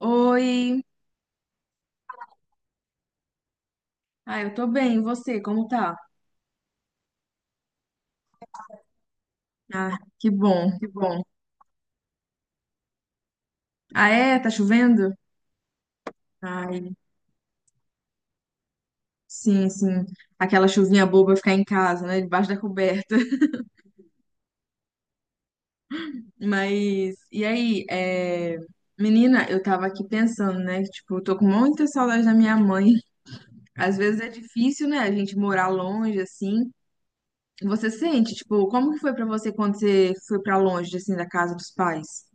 Oi. Ah, eu tô bem. E você, como tá? Ah, que bom, que bom. Ah, é? Tá chovendo? Ai, sim, sim. Aquela chuvinha boba ficar em casa, né? Debaixo da coberta. Mas, e aí, menina, eu tava aqui pensando, né? Tipo, eu tô com muita saudade da minha mãe. Às vezes é difícil, né? A gente morar longe, assim. Você sente, tipo, como que foi pra você quando você foi pra longe, assim, da casa dos pais?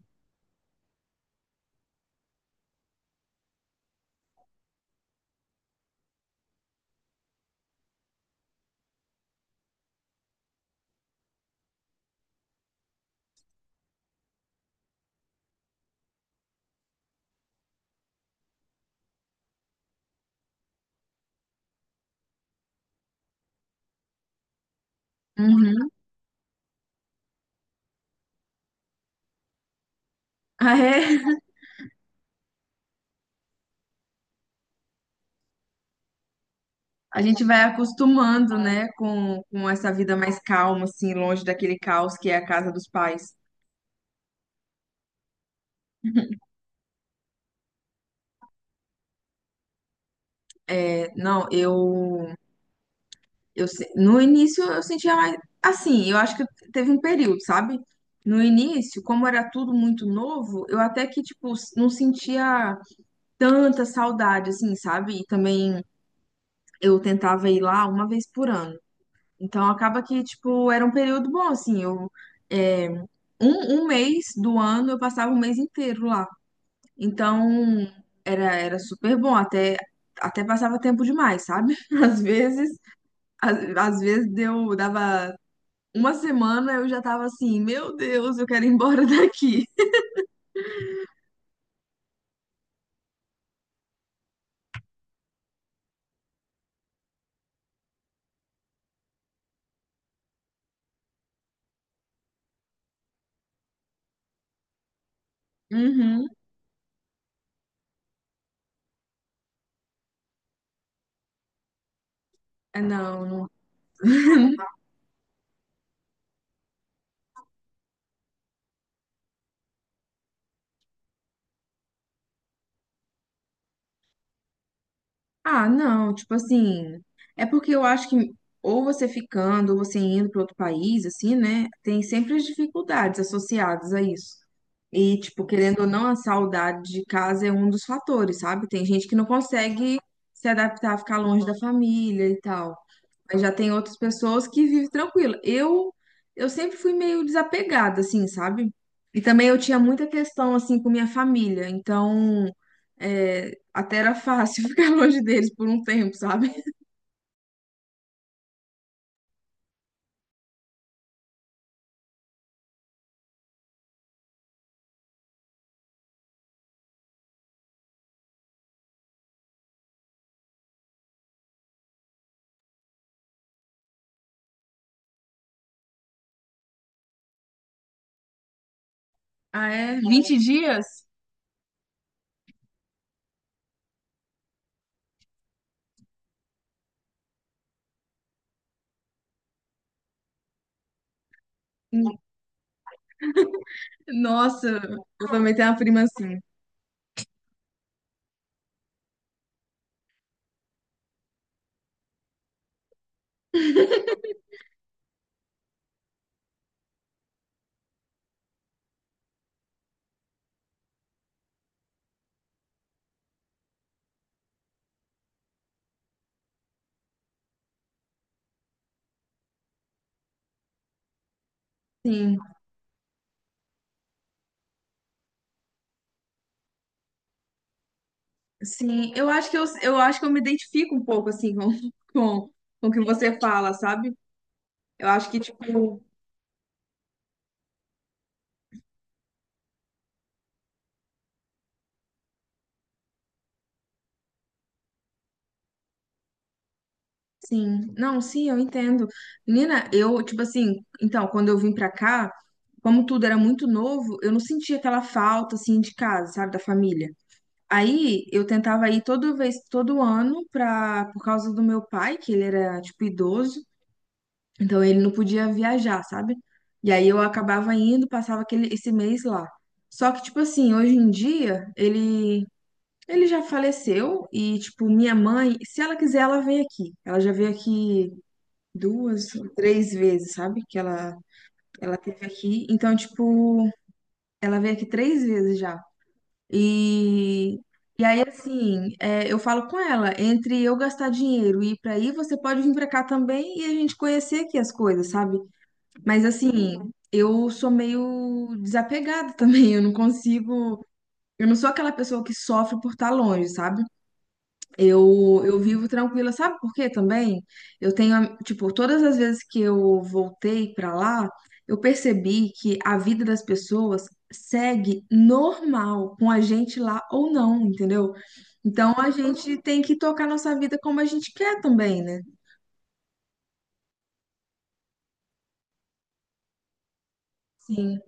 Uhum. Ah, é? A gente vai acostumando, né, com essa vida mais calma, assim, longe daquele caos que é a casa dos pais. É, não, eu se- No início eu sentia mais assim, eu acho que teve um período, sabe? No início, como era tudo muito novo, eu até que tipo não sentia tanta saudade assim, sabe? E também eu tentava ir lá uma vez por ano. Então acaba que tipo era um período bom assim, é, um mês do ano eu passava o mês inteiro lá. Então, era super bom, até passava tempo demais, sabe? Às vezes, às vezes dava uma semana, eu já tava assim, meu Deus, eu quero ir embora daqui. Uhum. Não. Ah, não, tipo assim, é porque eu acho que ou você ficando, ou você indo para outro país, assim, né? Tem sempre as dificuldades associadas a isso. E, tipo, querendo ou não, a saudade de casa é um dos fatores, sabe? Tem gente que não consegue se adaptar a ficar longe da família e tal. Mas já tem outras pessoas que vivem tranquila. Eu sempre fui meio desapegada, assim, sabe? E também eu tinha muita questão, assim, com minha família. Então, é, até era fácil ficar longe deles por um tempo, sabe? Ah, é? 20 dias? Nossa, eu também tenho uma prima assim. Sim, sim. Eu acho que eu me identifico um pouco, assim, com, com o que você fala, sabe? Eu acho que, tipo, sim, não, sim, eu entendo. Menina, eu, tipo assim, então, quando eu vim pra cá, como tudo era muito novo, eu não sentia aquela falta, assim, de casa, sabe, da família. Aí, eu tentava ir toda vez, todo ano, pra, por causa do meu pai, que ele era, tipo, idoso, então ele não podia viajar, sabe? E aí eu acabava indo, passava aquele, esse mês lá. Só que, tipo assim, hoje em dia, ele já faleceu e, tipo, minha mãe, se ela quiser, ela vem aqui. Ela já veio aqui duas ou três vezes, sabe? Que ela teve aqui. Então, tipo, ela veio aqui três vezes já. E, e aí, assim, é, eu falo com ela, entre eu gastar dinheiro e ir pra aí, você pode vir pra cá também e a gente conhecer aqui as coisas, sabe? Mas, assim, eu sou meio desapegada também, eu não consigo. Eu não sou aquela pessoa que sofre por estar longe, sabe? Eu vivo tranquila, sabe por quê também? Eu tenho, tipo, todas as vezes que eu voltei pra lá, eu percebi que a vida das pessoas segue normal com a gente lá ou não, entendeu? Então a gente tem que tocar nossa vida como a gente quer também, né? Sim,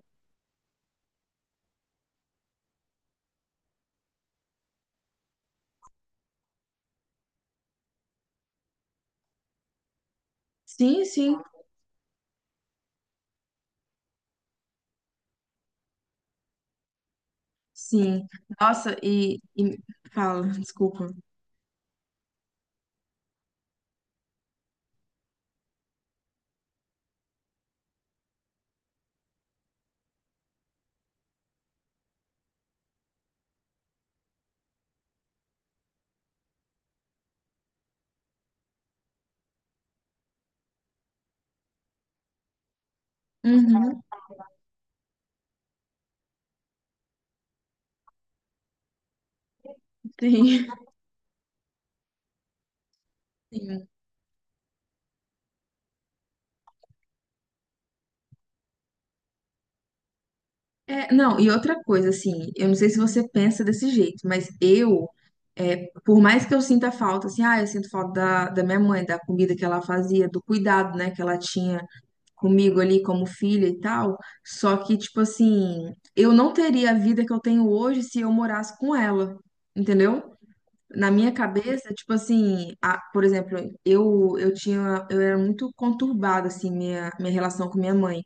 sim, sim, sim. Nossa, e fala, desculpa. Uhum, sim. É, não, e outra coisa, assim, eu não sei se você pensa desse jeito, mas eu, é, por mais que eu sinta falta, assim, ah, eu sinto falta da minha mãe, da comida que ela fazia, do cuidado, né, que ela tinha comigo ali como filha e tal, só que, tipo assim, eu não teria a vida que eu tenho hoje se eu morasse com ela, entendeu? Na minha cabeça, tipo assim, por exemplo, eu era muito conturbada, assim, minha relação com minha mãe.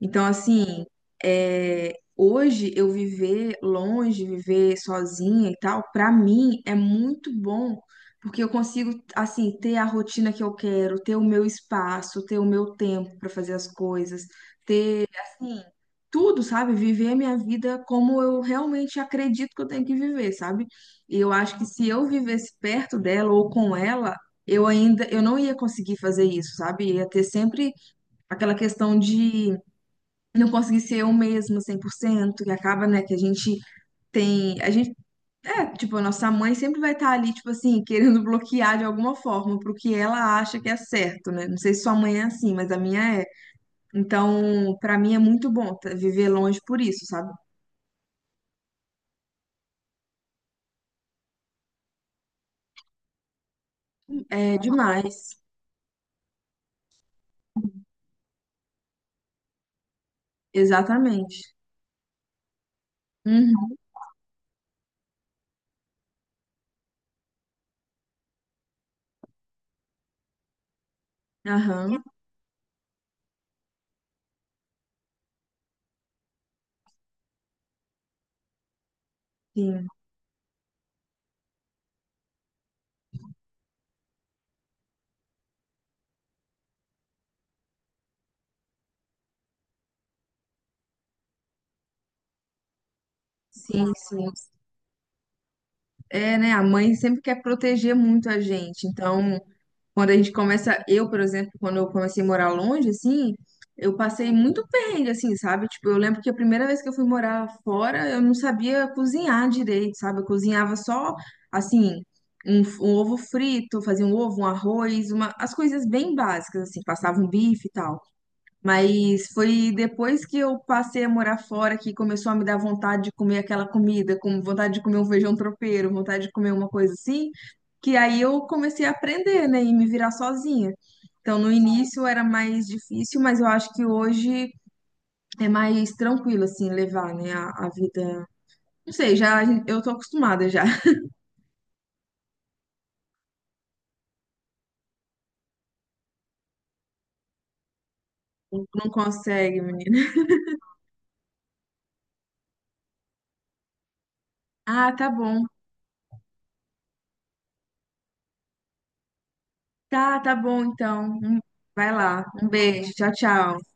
Então, assim, é, hoje eu viver longe, viver sozinha e tal, pra mim é muito bom, porque eu consigo, assim, ter a rotina que eu quero, ter o meu espaço, ter o meu tempo pra fazer as coisas, ter, assim, tudo, sabe? Viver a minha vida como eu realmente acredito que eu tenho que viver, sabe? E eu acho que se eu vivesse perto dela ou com ela, eu não ia conseguir fazer isso, sabe? Ia ter sempre aquela questão de não conseguir ser o mesmo 100% que acaba, né, que a gente tem. Tipo, a nossa mãe sempre vai estar ali, tipo assim, querendo bloquear de alguma forma pro que ela acha que é certo, né? Não sei se sua mãe é assim, mas a minha é. Então, pra mim é muito bom viver longe por isso, sabe? É demais. Exatamente. Uhum. Aham. Sim, sim, sim. É, né? A mãe sempre quer proteger muito a gente. Então, quando a gente começa, eu, por exemplo, quando eu comecei a morar longe, assim, eu passei muito perrengue, assim, sabe? Tipo, eu lembro que a primeira vez que eu fui morar fora, eu não sabia cozinhar direito, sabe? Eu cozinhava só, assim, um ovo frito, fazia um ovo, um arroz, uma, as coisas bem básicas, assim, passava um bife e tal. Mas foi depois que eu passei a morar fora que começou a me dar vontade de comer aquela comida, com vontade de comer um feijão tropeiro, vontade de comer uma coisa assim, que aí eu comecei a aprender, né, e me virar sozinha. Então, no início era mais difícil, mas eu acho que hoje é mais tranquilo, assim, levar, né, a vida. Não sei, já eu tô acostumada já. Não consegue, menina. Ah, tá bom. Tá, tá bom, então. Vai lá. Um beijo. Tchau, tchau.